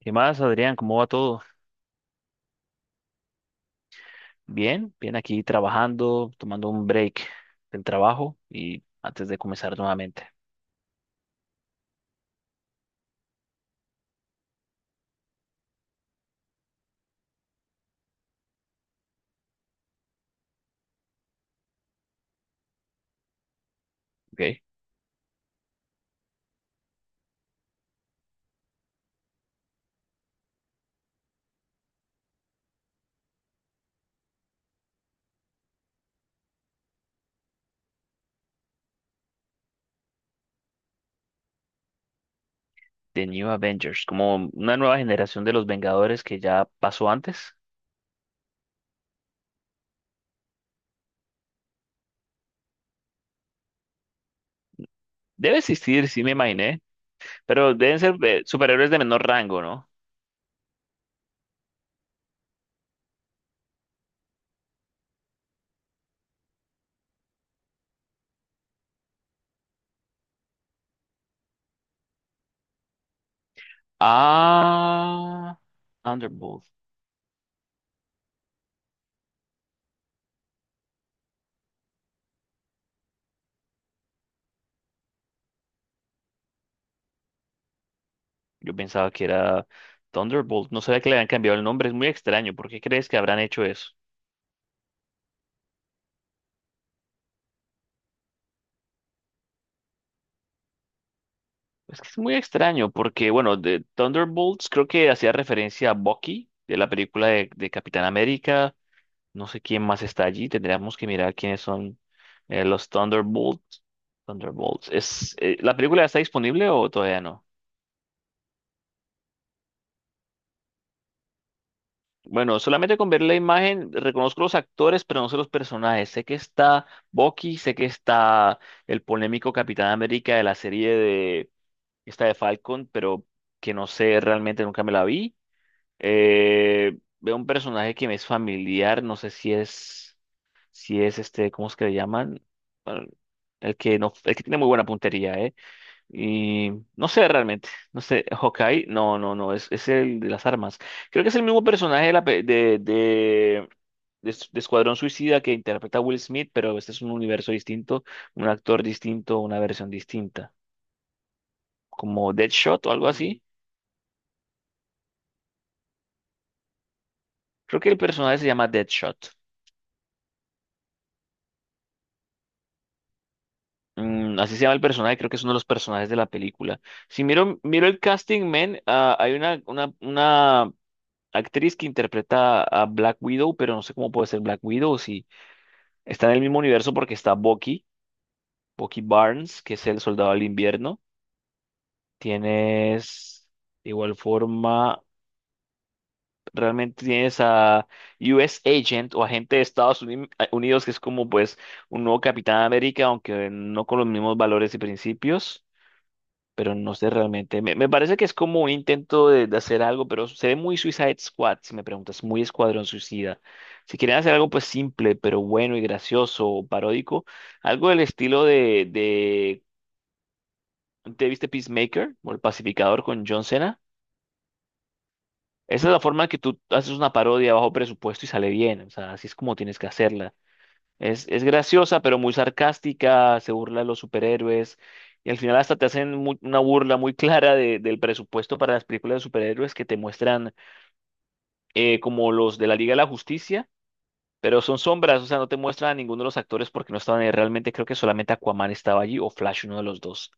¿Qué más, Adrián? ¿Cómo va todo? Bien, bien aquí trabajando, tomando un break del trabajo y antes de comenzar nuevamente. Okay. The New Avengers, como una nueva generación de los Vengadores que ya pasó antes. Debe existir, sí me imaginé, pero deben ser superhéroes de menor rango, ¿no? Ah, Thunderbolt. Yo pensaba que era Thunderbolt. No sabía que le habían cambiado el nombre. Es muy extraño. ¿Por qué crees que habrán hecho eso? Es que es muy extraño porque, bueno, de Thunderbolts creo que hacía referencia a Bucky de la película de Capitán América. No sé quién más está allí. Tendríamos que mirar quiénes son los Thunderbolts. Thunderbolts. ¿Es, la película está disponible o todavía no? Bueno, solamente con ver la imagen reconozco los actores, pero no sé los personajes. Sé que está Bucky, sé que está el polémico Capitán América de la serie de esta de Falcon, pero que no sé realmente, nunca me la vi. Veo un personaje que me es familiar, no sé si es este, ¿cómo es que le llaman? Bueno, el que no, el que tiene muy buena puntería, ¿eh? Y no sé realmente, no sé, Hawkeye, no, no, no, es el de las armas. Creo que es el mismo personaje de Escuadrón Suicida que interpreta Will Smith, pero este es un universo distinto, un actor distinto, una versión distinta, como Deadshot o algo. Mm. Así. Creo que el personaje se llama Deadshot. Mm, así se llama el personaje, creo que es uno de los personajes de la película. Si miro, miro el casting, man, ah, hay una actriz que interpreta a Black Widow, pero no sé cómo puede ser Black Widow, si está en el mismo universo porque está Bucky, Bucky Barnes, que es el soldado del invierno. Tienes, de igual forma, realmente tienes a US Agent o agente de Estados Unidos, que es como pues un nuevo Capitán América, aunque no con los mismos valores y principios. Pero no sé realmente. Me parece que es como un intento de hacer algo, pero se ve muy Suicide Squad, si me preguntas, muy Escuadrón Suicida. Si quieren hacer algo pues simple, pero bueno y gracioso o paródico, algo del estilo de ¿te viste Peacemaker o El Pacificador con John Cena? Esa es la forma en que tú haces una parodia bajo presupuesto y sale bien, o sea, así es como tienes que hacerla. Es graciosa, pero muy sarcástica, se burla de los superhéroes y al final hasta te hacen una burla muy clara del presupuesto para las películas de superhéroes que te muestran como los de la Liga de la Justicia. Pero son sombras, o sea, no te muestran a ninguno de los actores porque no estaban ahí. Realmente creo que solamente Aquaman estaba allí o Flash, uno de los dos,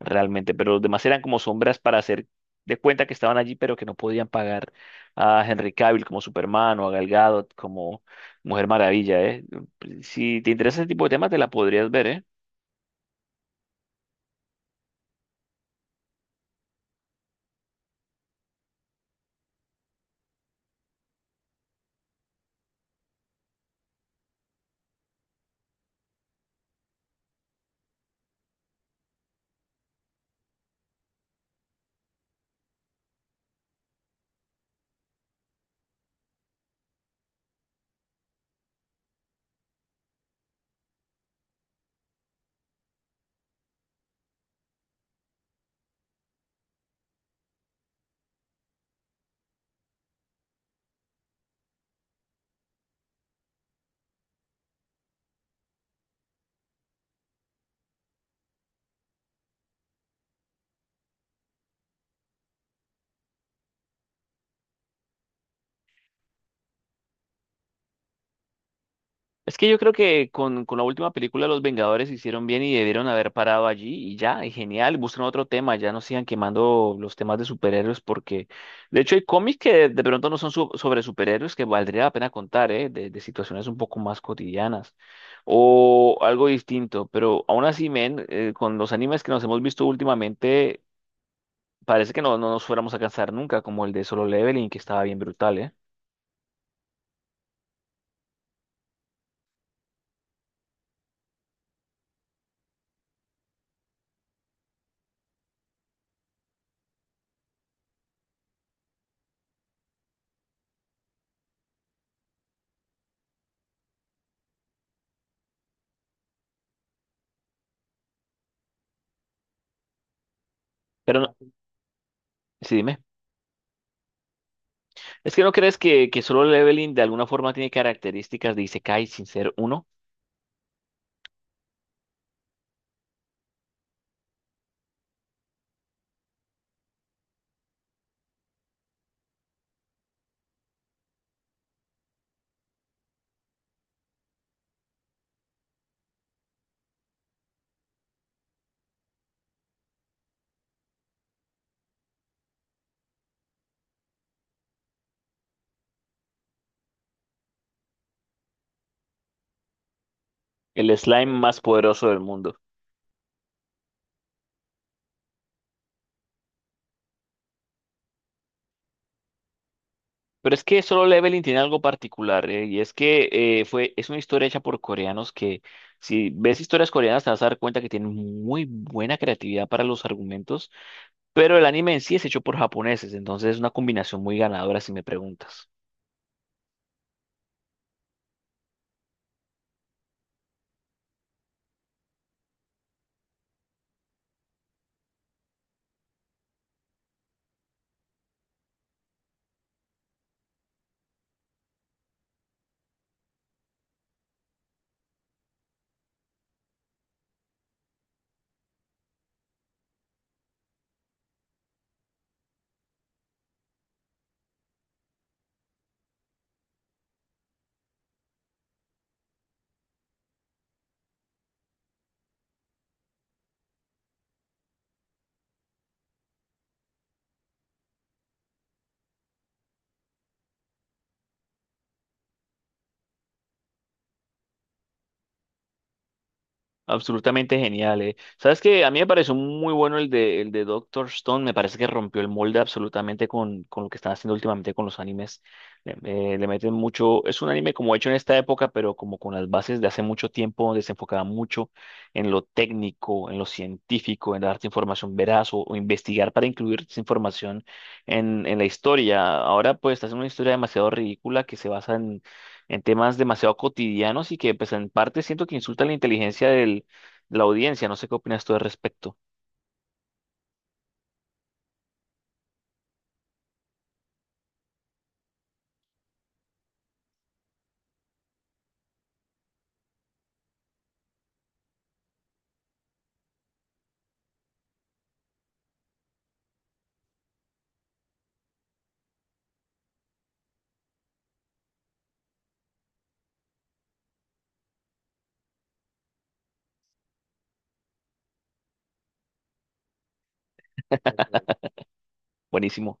realmente. Pero los demás eran como sombras para hacer de cuenta que estaban allí, pero que no podían pagar a Henry Cavill como Superman o a Gal Gadot como Mujer Maravilla, ¿eh? Pues, si te interesa ese tipo de temas, te la podrías ver, ¿eh? Es que yo creo que con la última película Los Vengadores hicieron bien y debieron haber parado allí y ya, y genial, buscan otro tema, ya no sigan quemando los temas de superhéroes porque de hecho hay cómics que de pronto no son sobre superhéroes que valdría la pena contar, ¿eh? De situaciones un poco más cotidianas o algo distinto, pero aún así, men, con los animes que nos hemos visto últimamente parece que no, no nos fuéramos a cansar nunca, como el de Solo Leveling que estaba bien brutal, ¿eh? Pero no- sí, dime. Es que no crees que solo Leveling de alguna forma tiene características de Isekai sin ser uno, el slime más poderoso del mundo. Pero es que solo Leveling tiene algo particular, y es que es una historia hecha por coreanos que, si ves historias coreanas, te vas a dar cuenta que tienen muy buena creatividad para los argumentos, pero el anime en sí es hecho por japoneses, entonces es una combinación muy ganadora si me preguntas. Absolutamente genial, eh. Sabes que a mí me pareció muy bueno el de Doctor Stone, me parece que rompió el molde absolutamente con lo que están haciendo últimamente con los animes. Le, Le meten mucho, es un anime como hecho en esta época, pero como con las bases de hace mucho tiempo, donde se enfocaba mucho en lo técnico, en lo científico, en darte información veraz o investigar para incluir esa información en la historia. Ahora pues está haciendo una historia demasiado ridícula que se basa en temas demasiado cotidianos y que pues en parte siento que insultan la inteligencia de la audiencia. No sé qué opinas tú al respecto. Buenísimo.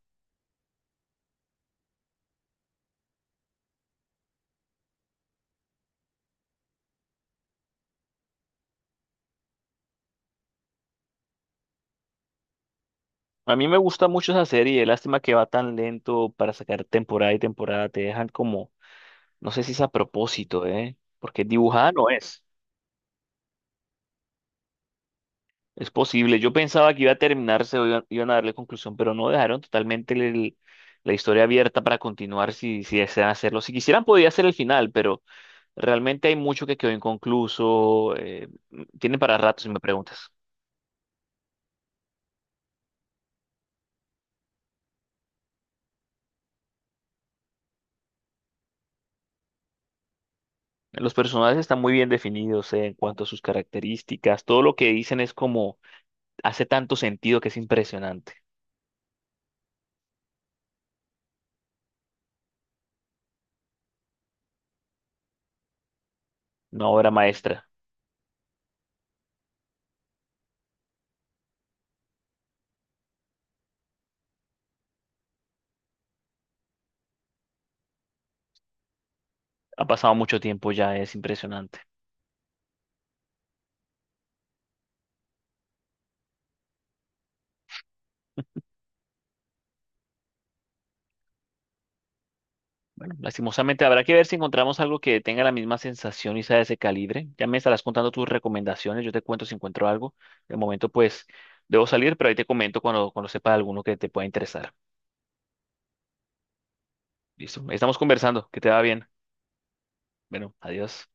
A mí me gusta mucho esa serie, lástima que va tan lento para sacar temporada y temporada, te dejan como, no sé si es a propósito, ¿eh? Porque dibujada no es. Es posible, yo pensaba que iba a terminarse, o iban a darle conclusión, pero no dejaron totalmente la historia abierta para continuar si, si desean hacerlo. Si quisieran podía ser el final, pero... Realmente hay mucho que quedó inconcluso. Tiene para rato si me preguntas. Los personajes están muy bien definidos, en cuanto a sus características. Todo lo que dicen es como hace tanto sentido que es impresionante. Una obra maestra. Ha pasado mucho tiempo ya, es impresionante. Bueno, lastimosamente habrá que ver si encontramos algo que tenga la misma sensación y sea de ese calibre. Ya me estarás contando tus recomendaciones, yo te cuento si encuentro algo. De momento, pues, debo salir, pero ahí te comento cuando, cuando sepa de alguno que te pueda interesar. Listo, ahí estamos conversando, que te va bien. Bueno, adiós.